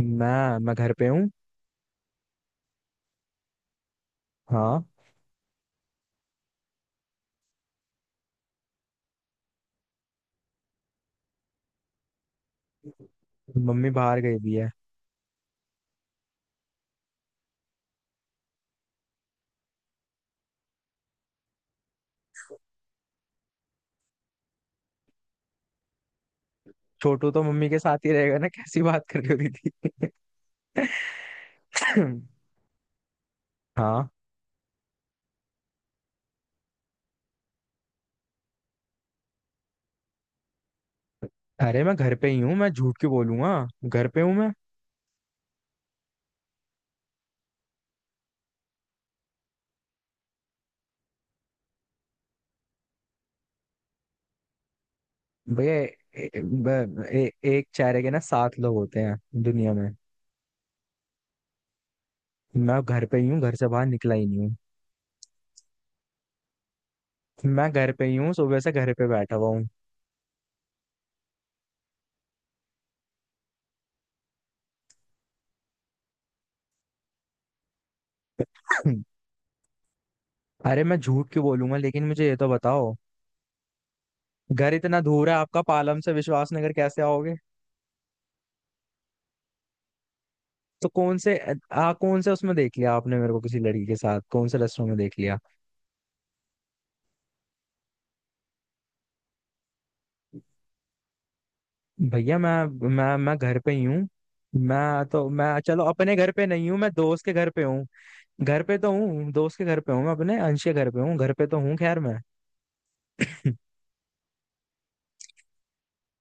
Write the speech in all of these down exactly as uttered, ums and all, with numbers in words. मैं मैं घर पे हूँ। हाँ, मम्मी बाहर गई भी है। छोटू तो मम्मी के साथ ही रहेगा ना, कैसी बात कर रही हो दीदी? हाँ, अरे मैं घर पे ही हूँ, मैं झूठ क्यों बोलूंगा? घर पे हूँ मैं। भैया, ए- ब- ए- एक चेहरे के ना सात लोग होते हैं दुनिया में। मैं घर पे ही हूँ, घर से बाहर निकला ही नहीं हूँ। मैं घर पे ही हूँ, सुबह से घर पे बैठा हुआ हूँ। अरे मैं झूठ क्यों बोलूंगा, लेकिन मुझे ये तो बताओ, घर इतना दूर है आपका, पालम से विश्वासनगर कैसे आओगे? तो कौन से आ कौन से उसमें देख लिया आपने? मेरे को किसी लड़की के साथ कौन से रेस्टोरेंट में देख लिया? भैया मैं मैं मैं घर पे ही हूँ। मैं तो, मैं चलो अपने घर पे नहीं हूँ, मैं दोस्त के घर पे हूँ। घर पे तो हूँ, दोस्त के घर पे हूँ, मैं अपने अंश के घर पे हूँ, घर पे तो हूँ, खैर मैं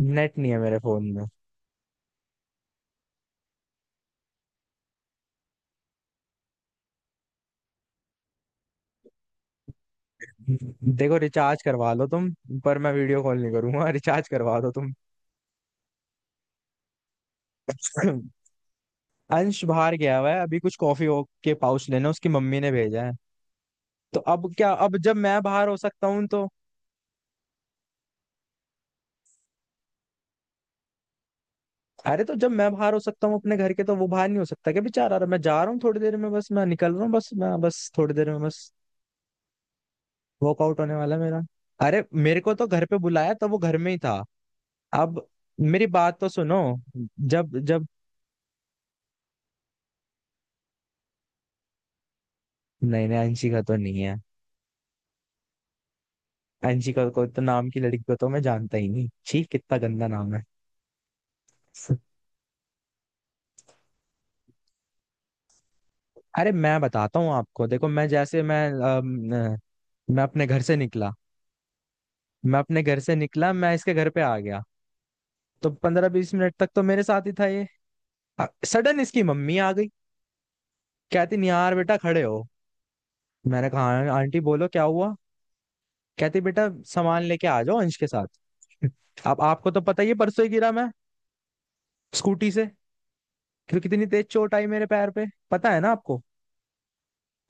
नेट नहीं है मेरे फोन में। देखो रिचार्ज करवा लो तुम, पर मैं वीडियो कॉल नहीं करूंगा रिचार्ज करवा दो तुम। अंश बाहर गया हुआ है अभी, कुछ कॉफी के पाउच लेना उसकी मम्मी ने भेजा है। तो अब क्या, अब जब मैं बाहर हो सकता हूँ तो? अरे तो जब मैं बाहर हो सकता हूँ अपने घर के, तो वो बाहर नहीं हो सकता क्या बेचारा? अरे मैं जा रहा हूँ थोड़ी देर में, बस मैं निकल रहा हूँ, बस मैं, बस थोड़ी देर में बस। वर्कआउट होने वाला है मेरा। अरे मेरे को तो घर पे बुलाया तो वो घर में ही था। अब मेरी बात तो सुनो, जब जब नहीं नहीं अंशिका तो नहीं है। अंशिका को तो, नाम की लड़की को तो मैं जानता ही नहीं, छी कितना गंदा नाम है। अरे मैं बताता हूँ आपको, देखो मैं जैसे मैं अम, अ, मैं अपने घर से निकला, मैं अपने घर से निकला मैं इसके घर पे आ गया। तो पंद्रह बीस मिनट तक तो मेरे साथ ही था ये। सडन इसकी मम्मी आ गई, कहती निहार बेटा खड़े हो। मैंने कहा "हाँ, आंटी बोलो क्या हुआ।" कहती बेटा सामान लेके आ जाओ अंश के साथ। अब आपको तो पता ही है, परसों ही गिरा मैं स्कूटी से। क्यों, कितनी तेज चोट आई मेरे पैर पे, पता है ना आपको?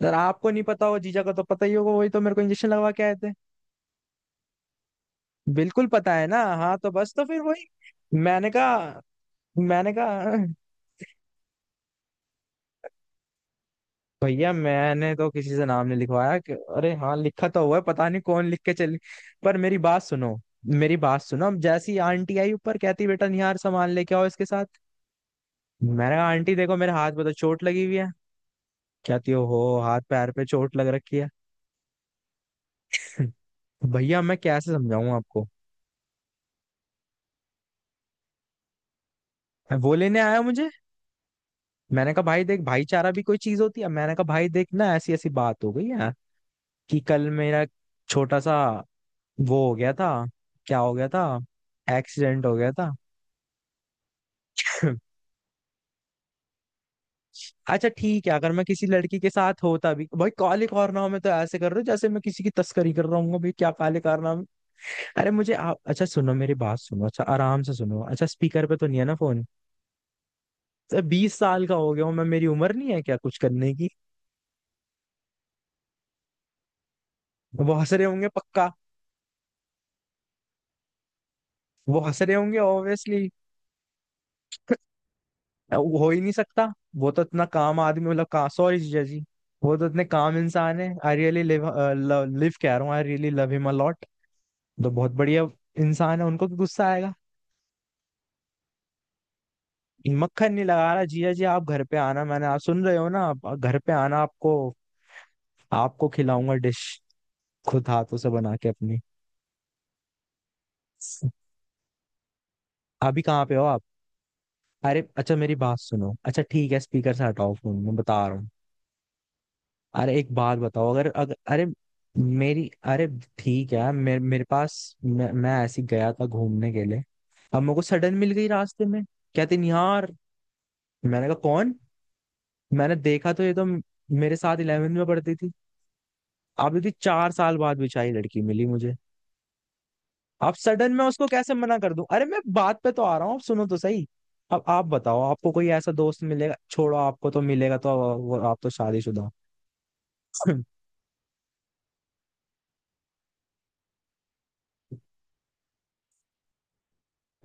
अगर आपको नहीं पता हो, जीजा को तो पता ही होगा, वही तो मेरे को इंजेक्शन लगवा के आए थे। बिल्कुल पता है ना, हाँ, तो बस, तो फिर वही। मैंने कहा मैंने कहा भैया, मैंने तो किसी से नाम नहीं लिखवाया, कि- अरे हाँ लिखा तो हुआ है, पता नहीं कौन लिख के चली। पर मेरी बात सुनो मेरी बात सुनो अब जैसी आंटी आई ऊपर, कहती बेटा निहार सामान लेके आओ इसके साथ। मैंने कहा आंटी देखो मेरे हाथ पे तो चोट लगी हुई है। कहती हो हो हाथ पैर पे चोट लग रखी है। भैया मैं कैसे समझाऊं आपको। वो लेने आया मुझे। मैंने कहा भाई देख, भाईचारा भी कोई चीज होती है। मैंने कहा भाई देख ना ऐसी ऐसी बात हो गई है कि कल मेरा छोटा सा वो हो गया था। क्या हो गया था? एक्सीडेंट हो गया था। अच्छा ठीक है, अगर मैं किसी लड़की के साथ होता भी, भाई काले कारनामे तो ऐसे कर रहे हो जैसे मैं किसी की तस्करी कर रहा हूँ भाई, क्या काले कारनामे! अरे मुझे आप, अच्छा सुनो मेरी बात सुनो, अच्छा आराम से सुनो, अच्छा स्पीकर पे तो नहीं है ना फोन? तो बीस साल का हो गया हूँ मैं, मेरी उम्र नहीं है क्या कुछ करने की? वो हंस रहे होंगे पक्का। वो हंस रहे होंगे ऑब्वियसली। हो ही नहीं सकता। वो तो इतना काम आदमी, मतलब का, सॉरी जीजा जी, वो तो इतने काम इंसान है, आई रियली लिव, लिव कह रहा हूँ, I really love him a lot. तो बहुत बढ़िया इंसान है, उनको तो गुस्सा आएगा। मक्खन नहीं लगा रहा जिया जी, आप घर पे आना, मैंने, आप सुन रहे हो ना, आप घर पे आना, आपको आपको खिलाऊंगा डिश, खुद हाथों से बना के अपनी। अभी कहाँ पे हो आप? अरे अच्छा मेरी बात सुनो, अच्छा ठीक है, स्पीकर से हटाओ फोन मैं बता रहा हूँ। अरे एक बात बताओ, अगर अगर अरे मेरी, अरे ठीक है, मेरे मेरे पास, मैं, मैं ऐसे ही गया था घूमने के लिए। अब मेरे को सडन मिल गई रास्ते में, कहते नहीं यार। मैंने कहा कौन? मैंने देखा तो ये तो मेरे साथ इलेवेंथ में पढ़ती थी। अभी भी चार साल बाद बिछाई लड़की मिली मुझे। अब सडन मैं उसको कैसे मना कर दूं? अरे मैं बात पे तो आ रहा हूँ, अब सुनो तो सही। अब आप बताओ, आपको कोई ऐसा दोस्त मिलेगा? छोड़ो, आपको तो मिलेगा तो, वो आप तो शादीशुदा हो।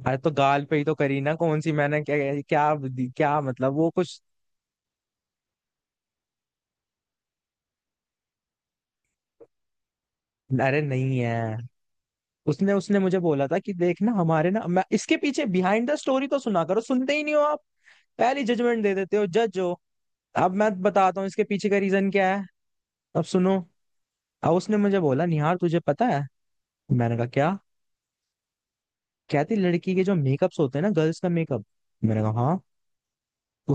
अरे तो गाल पे ही तो करी ना, कौन सी मैंने क्या, क्या, क्या मतलब वो कुछ। अरे नहीं है। उसने उसने मुझे बोला था कि देख ना हमारे ना, मैं इसके पीछे, बिहाइंड द स्टोरी तो सुना करो, सुनते ही नहीं हो आप, पहली जजमेंट दे देते हो, जज हो। अब मैं बताता हूँ इसके पीछे का रीजन क्या है, अब सुनो। अब उसने मुझे बोला, निहार तुझे पता है? मैंने कहा क्या? कहती लड़की के जो मेकअप्स होते हैं ना, गर्ल्स का मेकअप। मैंने कहा हाँ।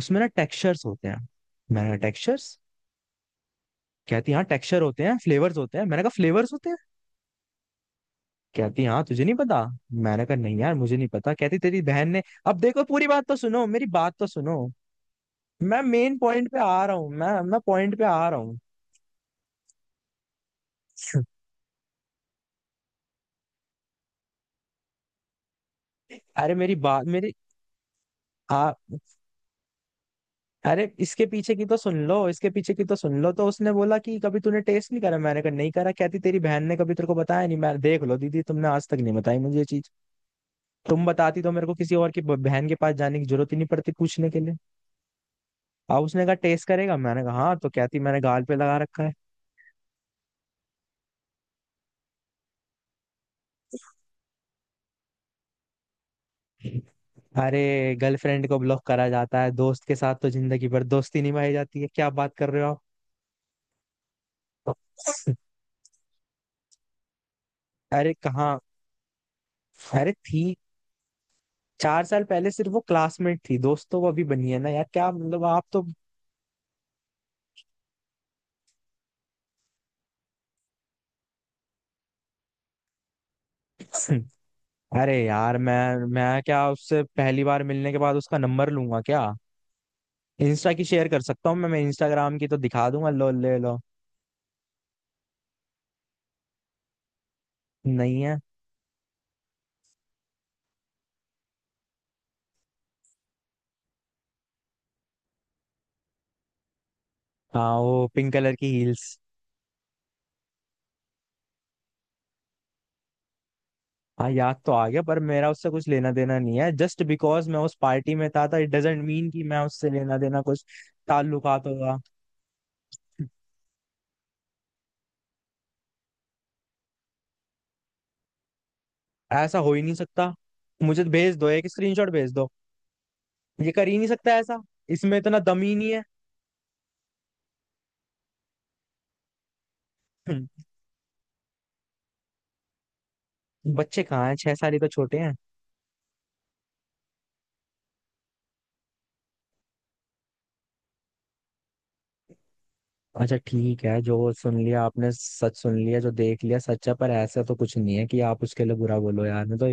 उसमें ना टेक्सचर्स होते हैं। मैंने कहा टेक्सचर्स? कहती हाँ टेक्सचर होते हैं, फ्लेवर्स होते हैं। मैंने कहा फ्लेवर्स होते हैं? कहती हाँ तुझे नहीं पता। मैंने कहा नहीं यार मुझे नहीं पता। कहती तेरी बहन ने, अब देखो पूरी बात तो सुनो, मेरी बात तो सुनो। मैं मेन पॉइंट पे आ रहा हूँ, मैं मैं पॉइंट पे आ रहा हूँ। अरे मेरी बात मेरी आ अरे इसके पीछे की तो सुन लो, इसके पीछे की तो सुन लो। तो उसने बोला कि कभी तूने टेस्ट नहीं करा। मैंने कहा नहीं करा। कहती तेरी बहन ने कभी तेरे को बताया नहीं? मैं, देख लो दीदी, तुमने आज तक नहीं बताई मुझे ये चीज। तुम बताती तो मेरे को किसी और की ब- बहन के पास जाने की जरूरत ही नहीं पड़ती पूछने के लिए। अब उसने कहा टेस्ट करेगा? मैंने कहा हाँ। तो कहती मैंने गाल पे लगा रखा है। अरे गर्लफ्रेंड को ब्लॉक करा जाता है, दोस्त के साथ तो जिंदगी भर दोस्ती निभाई जाती है, क्या बात कर रहे हो आप? अरे कहाँ, अरे थी, चार साल पहले सिर्फ वो क्लासमेट थी दोस्तों, वो अभी बनी है ना यार, क्या मतलब आप तो। अरे यार मैं मैं क्या उससे पहली बार मिलने के बाद उसका नंबर लूंगा क्या? इंस्टा की शेयर कर सकता हूँ मैं मैं इंस्टाग्राम की तो दिखा दूंगा, लो ले लो। नहीं है। हाँ, वो पिंक कलर की हील्स। हाँ याद तो आ गया, पर मेरा उससे कुछ लेना देना नहीं है। जस्ट बिकॉज मैं उस पार्टी में था था, इट डजेंट मीन कि मैं उससे लेना देना कुछ ताल्लुकात होगा। ऐसा हो ही नहीं सकता। मुझे तो भेज दो एक स्क्रीनशॉट भेज दो, ये कर ही नहीं सकता ऐसा, इसमें इतना दम ही नहीं है। बच्चे कहाँ हैं, छह साल ही तो छोटे हैं। अच्छा ठीक है, जो सुन लिया आपने सच सुन लिया, जो देख लिया सच है, पर ऐसा तो कुछ नहीं है कि आप उसके लिए बुरा बोलो यार, मैं तो।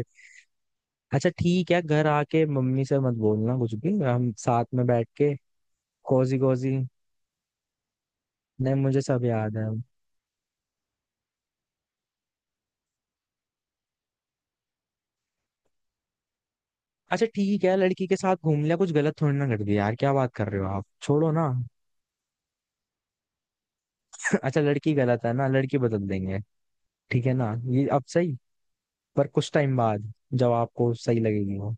अच्छा ठीक है, घर आके मम्मी से मत बोलना कुछ भी, हम साथ में बैठ के, कोजी कोजी, नहीं मुझे सब याद है। अच्छा ठीक है, लड़की के साथ घूम लिया कुछ गलत थोड़ी ना कर दिया यार, क्या बात कर रहे हो आप, छोड़ो ना। अच्छा लड़की गलत है ना, लड़की बदल देंगे, ठीक है ना, ये अब सही, पर कुछ टाइम बाद, जब आपको सही लगेगी वो।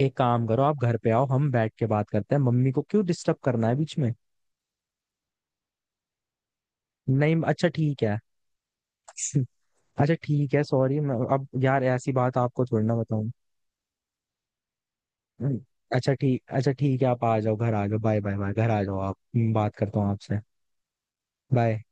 एक काम करो आप घर पे आओ, हम बैठ के बात करते हैं, मम्मी को क्यों डिस्टर्ब करना है बीच में? नहीं, अच्छा ठीक है। अच्छा ठीक है सॉरी, मैं अब यार ऐसी बात आपको थोड़ी ना बताऊं। हम्म। अच्छा ठीक, अच्छा ठीक है, आप आ जाओ, घर आ जाओ, बाय, बाय, बाय, घर आ जाओ आप, मैं बात करता हूँ आपसे। बाय।